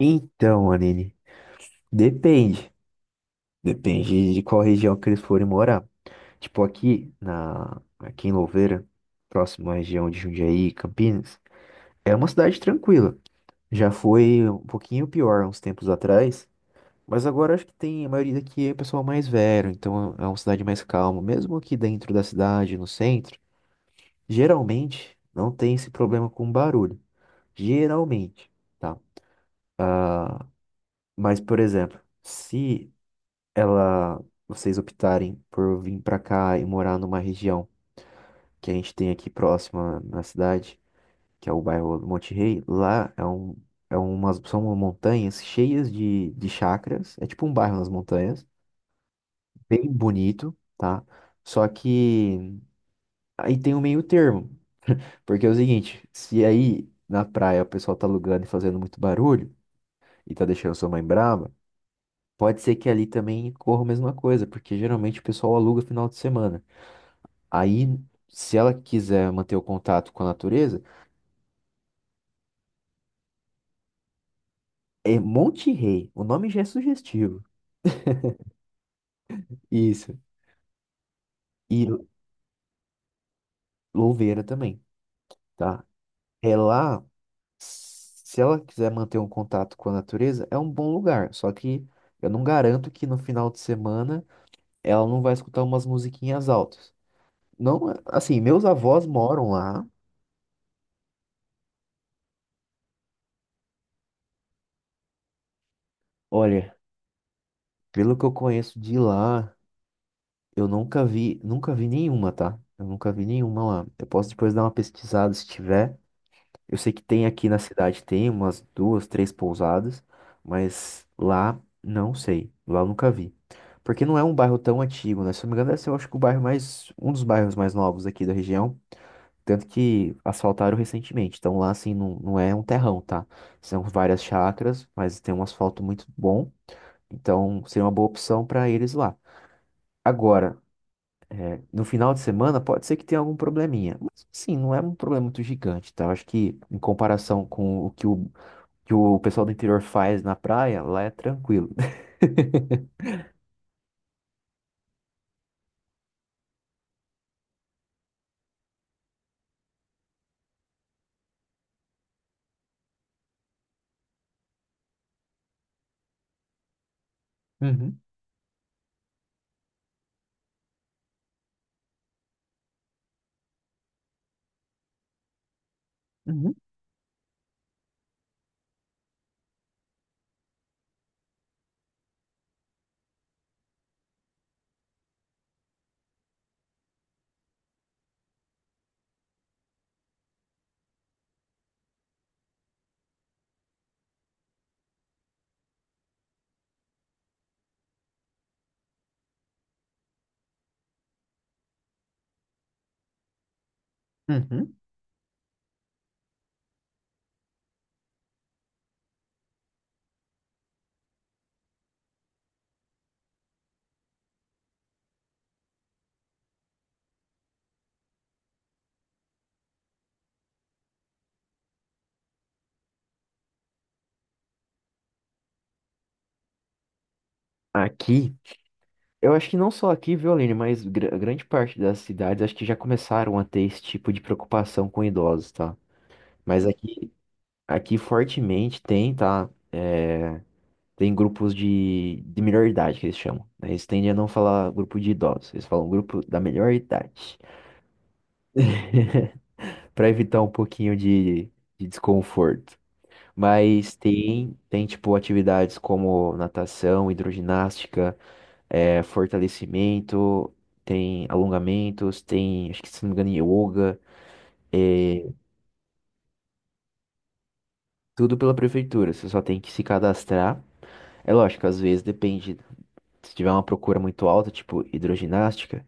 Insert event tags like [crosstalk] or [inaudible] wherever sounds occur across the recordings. Então, Aline, depende. Depende de qual região que eles forem morar. Tipo, aqui, aqui em Louveira, próximo à região de Jundiaí, Campinas, é uma cidade tranquila. Já foi um pouquinho pior uns tempos atrás, mas agora acho que tem a maioria daqui é pessoal mais velho, então é uma cidade mais calma. Mesmo aqui dentro da cidade, no centro, geralmente não tem esse problema com barulho. Geralmente, tá? Ah, mas, por exemplo, se ela vocês optarem por vir pra cá e morar numa região que a gente tem aqui próxima na cidade, que é o bairro do Monte Rei, lá é é umas são montanhas cheias de chacras, é tipo um bairro nas montanhas, bem bonito, tá? Só que aí tem um meio termo, porque é o seguinte, se aí na praia o pessoal tá alugando e fazendo muito barulho e tá deixando sua mãe brava, pode ser que ali também corra a mesma coisa, porque geralmente o pessoal aluga final de semana. Aí, se ela quiser manter o contato com a natureza, é Monte Rei. O nome já é sugestivo. Isso. E Louveira também, tá? É lá, se ela quiser manter um contato com a natureza, é um bom lugar. Só que eu não garanto que no final de semana ela não vai escutar umas musiquinhas altas. Não, assim, meus avós moram lá. Olha, pelo que eu conheço de lá, eu nunca vi, nunca vi nenhuma, tá? Eu nunca vi nenhuma lá. Eu posso depois dar uma pesquisada se tiver. Eu sei que tem aqui na cidade, tem umas duas, três pousadas, mas lá não sei. Lá eu nunca vi. Porque não é um bairro tão antigo, né? Se eu não me engano, deve ser, eu acho que o bairro mais, um dos bairros mais novos aqui da região. Tanto que asfaltaram recentemente. Então lá, assim, não é um terrão, tá? São várias chácaras, mas tem um asfalto muito bom. Então seria uma boa opção para eles lá. Agora, no final de semana, pode ser que tenha algum probleminha. Mas, sim, não é um problema muito gigante, tá? Eu acho que, em comparação com o que o que o pessoal do interior faz na praia, lá é tranquilo. [laughs] Uhum, uhum, uhum. Aqui, eu acho que não só aqui, viu, Aline, mas grande parte das cidades acho que já começaram a ter esse tipo de preocupação com idosos, tá? Mas aqui, aqui fortemente tem, tá? É, tem grupos de melhor idade que eles chamam, né? Eles tendem a não falar grupo de idosos, eles falam grupo da melhor idade, para evitar um pouquinho de desconforto. Mas tem tipo atividades como natação, hidroginástica, fortalecimento, tem alongamentos, tem, acho que se não me engano, yoga, eh, tudo pela prefeitura. Você só tem que se cadastrar. É lógico, às vezes depende. Se tiver uma procura muito alta, tipo hidroginástica,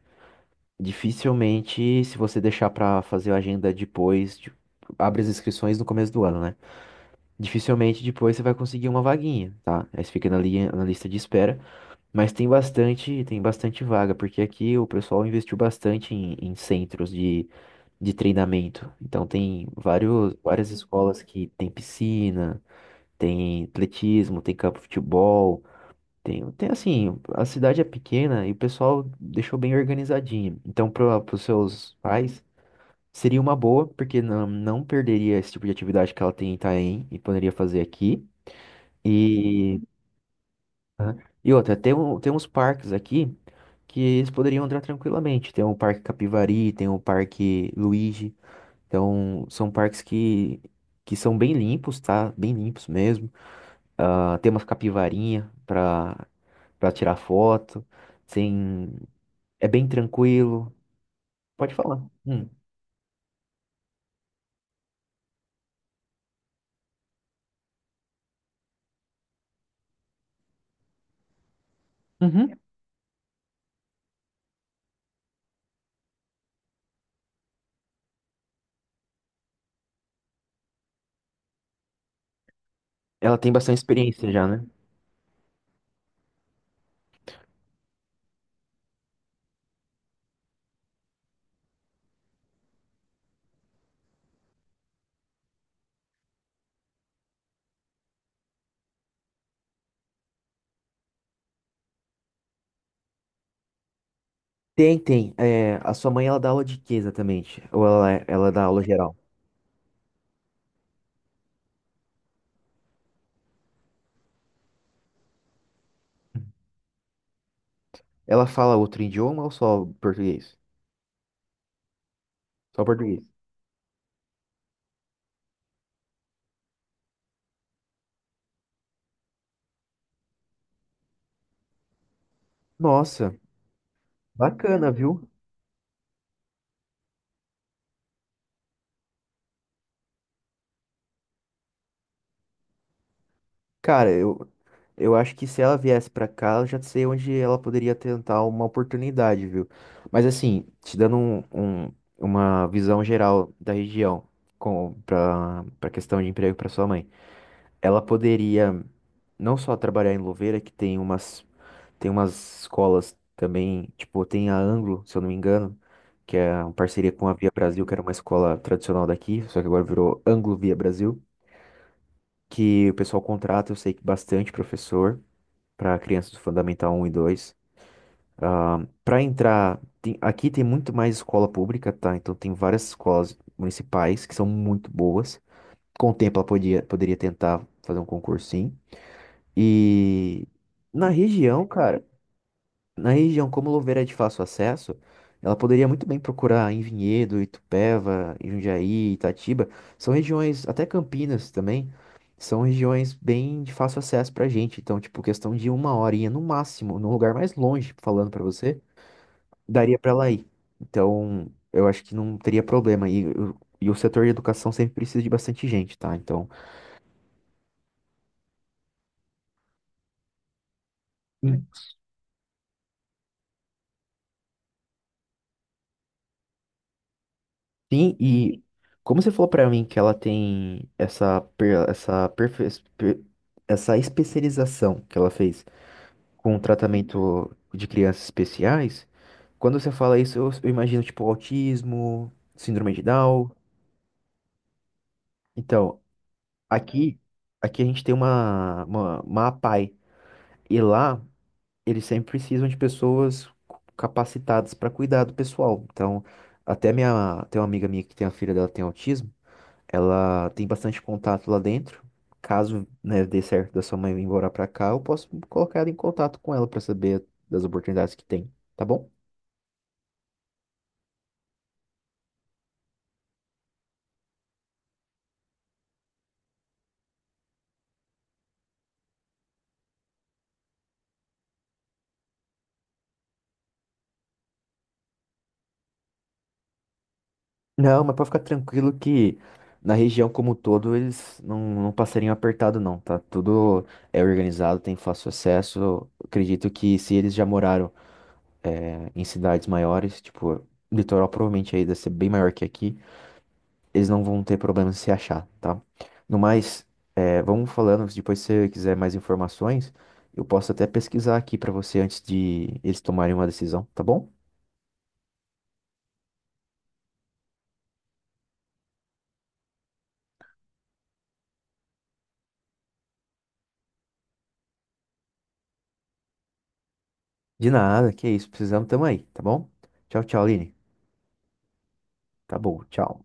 dificilmente, se você deixar pra fazer a agenda depois, tipo, abre as inscrições no começo do ano, né? Dificilmente depois você vai conseguir uma vaguinha, tá? Aí você fica na linha, na lista de espera. Mas tem bastante vaga, porque aqui o pessoal investiu bastante em centros de treinamento. Então várias escolas que tem piscina, tem atletismo, tem campo de futebol, tem assim, a cidade é pequena e o pessoal deixou bem organizadinho. Então para os seus pais seria uma boa, porque não perderia esse tipo de atividade que ela tem em Itaém e poderia fazer aqui. E, aham, e outra, tem uns parques aqui, que eles poderiam entrar tranquilamente. Tem o Parque Capivari, tem o Parque Luigi. Então, são que são bem limpos, tá? Bem limpos mesmo. Ah, tem umas capivarinha para tirar foto. Tem... É bem tranquilo. Pode falar. Hum. Uhum. Ela tem bastante experiência já, né? Tem, tem. É, a sua mãe, ela dá aula de quê exatamente? Ou ela dá aula geral? Ela fala outro idioma ou só português? Só português. Nossa, bacana, viu? Cara, eu acho que se ela viesse pra cá, eu já sei onde ela poderia tentar uma oportunidade, viu? Mas assim, te dando uma visão geral da região pra questão de emprego pra sua mãe. Ela poderia não só trabalhar em Louveira, tem umas escolas também, tipo, tem a Anglo, se eu não me engano, que é uma parceria com a Via Brasil, que era uma escola tradicional daqui, só que agora virou Anglo Via Brasil, que o pessoal contrata, eu sei que bastante professor para crianças do Fundamental um e 2 para entrar, aqui tem muito mais escola pública, tá? Então tem várias escolas municipais que são muito boas. Com o tempo poderia tentar fazer um concursinho. E na região, cara, na região, como Louveira é de fácil acesso, ela poderia muito bem procurar em Vinhedo, Itupeva, Jundiaí, Itatiba. São regiões, até Campinas também, são regiões bem de fácil acesso pra gente. Então, tipo, questão de uma horinha no máximo, num lugar mais longe, falando pra você, daria pra ela ir. Então, eu acho que não teria problema. E o setor de educação sempre precisa de bastante gente, tá? Então, sim. Sim, e como você falou pra mim que ela tem essa, per- essa, perfe- per- essa especialização que ela fez com o tratamento de crianças especiais, quando você fala isso, eu imagino tipo autismo, síndrome de Down. Então, aqui, aqui a gente tem uma APAE, e lá eles sempre precisam de pessoas capacitadas para cuidar do pessoal. Então, tem uma amiga minha que tem a filha dela que tem autismo. Ela tem bastante contato lá dentro. Caso, né, dê certo da sua mãe vir embora pra cá, eu posso colocar ela em contato com ela pra saber das oportunidades que tem, tá bom? Não, mas pode ficar tranquilo que na região como um todo eles não, não passariam apertado não, tá? Tudo é organizado, tem fácil acesso. Eu acredito que se eles já moraram em cidades maiores, tipo, o litoral provavelmente aí deve ser bem maior que aqui, eles não vão ter problema em se achar, tá? No mais, vamos falando, se você quiser mais informações, eu posso até pesquisar aqui pra você antes de eles tomarem uma decisão, tá bom? De nada, que isso, precisamos, tamo aí, tá bom? Tchau, tchau, Aline. Tá bom, tchau.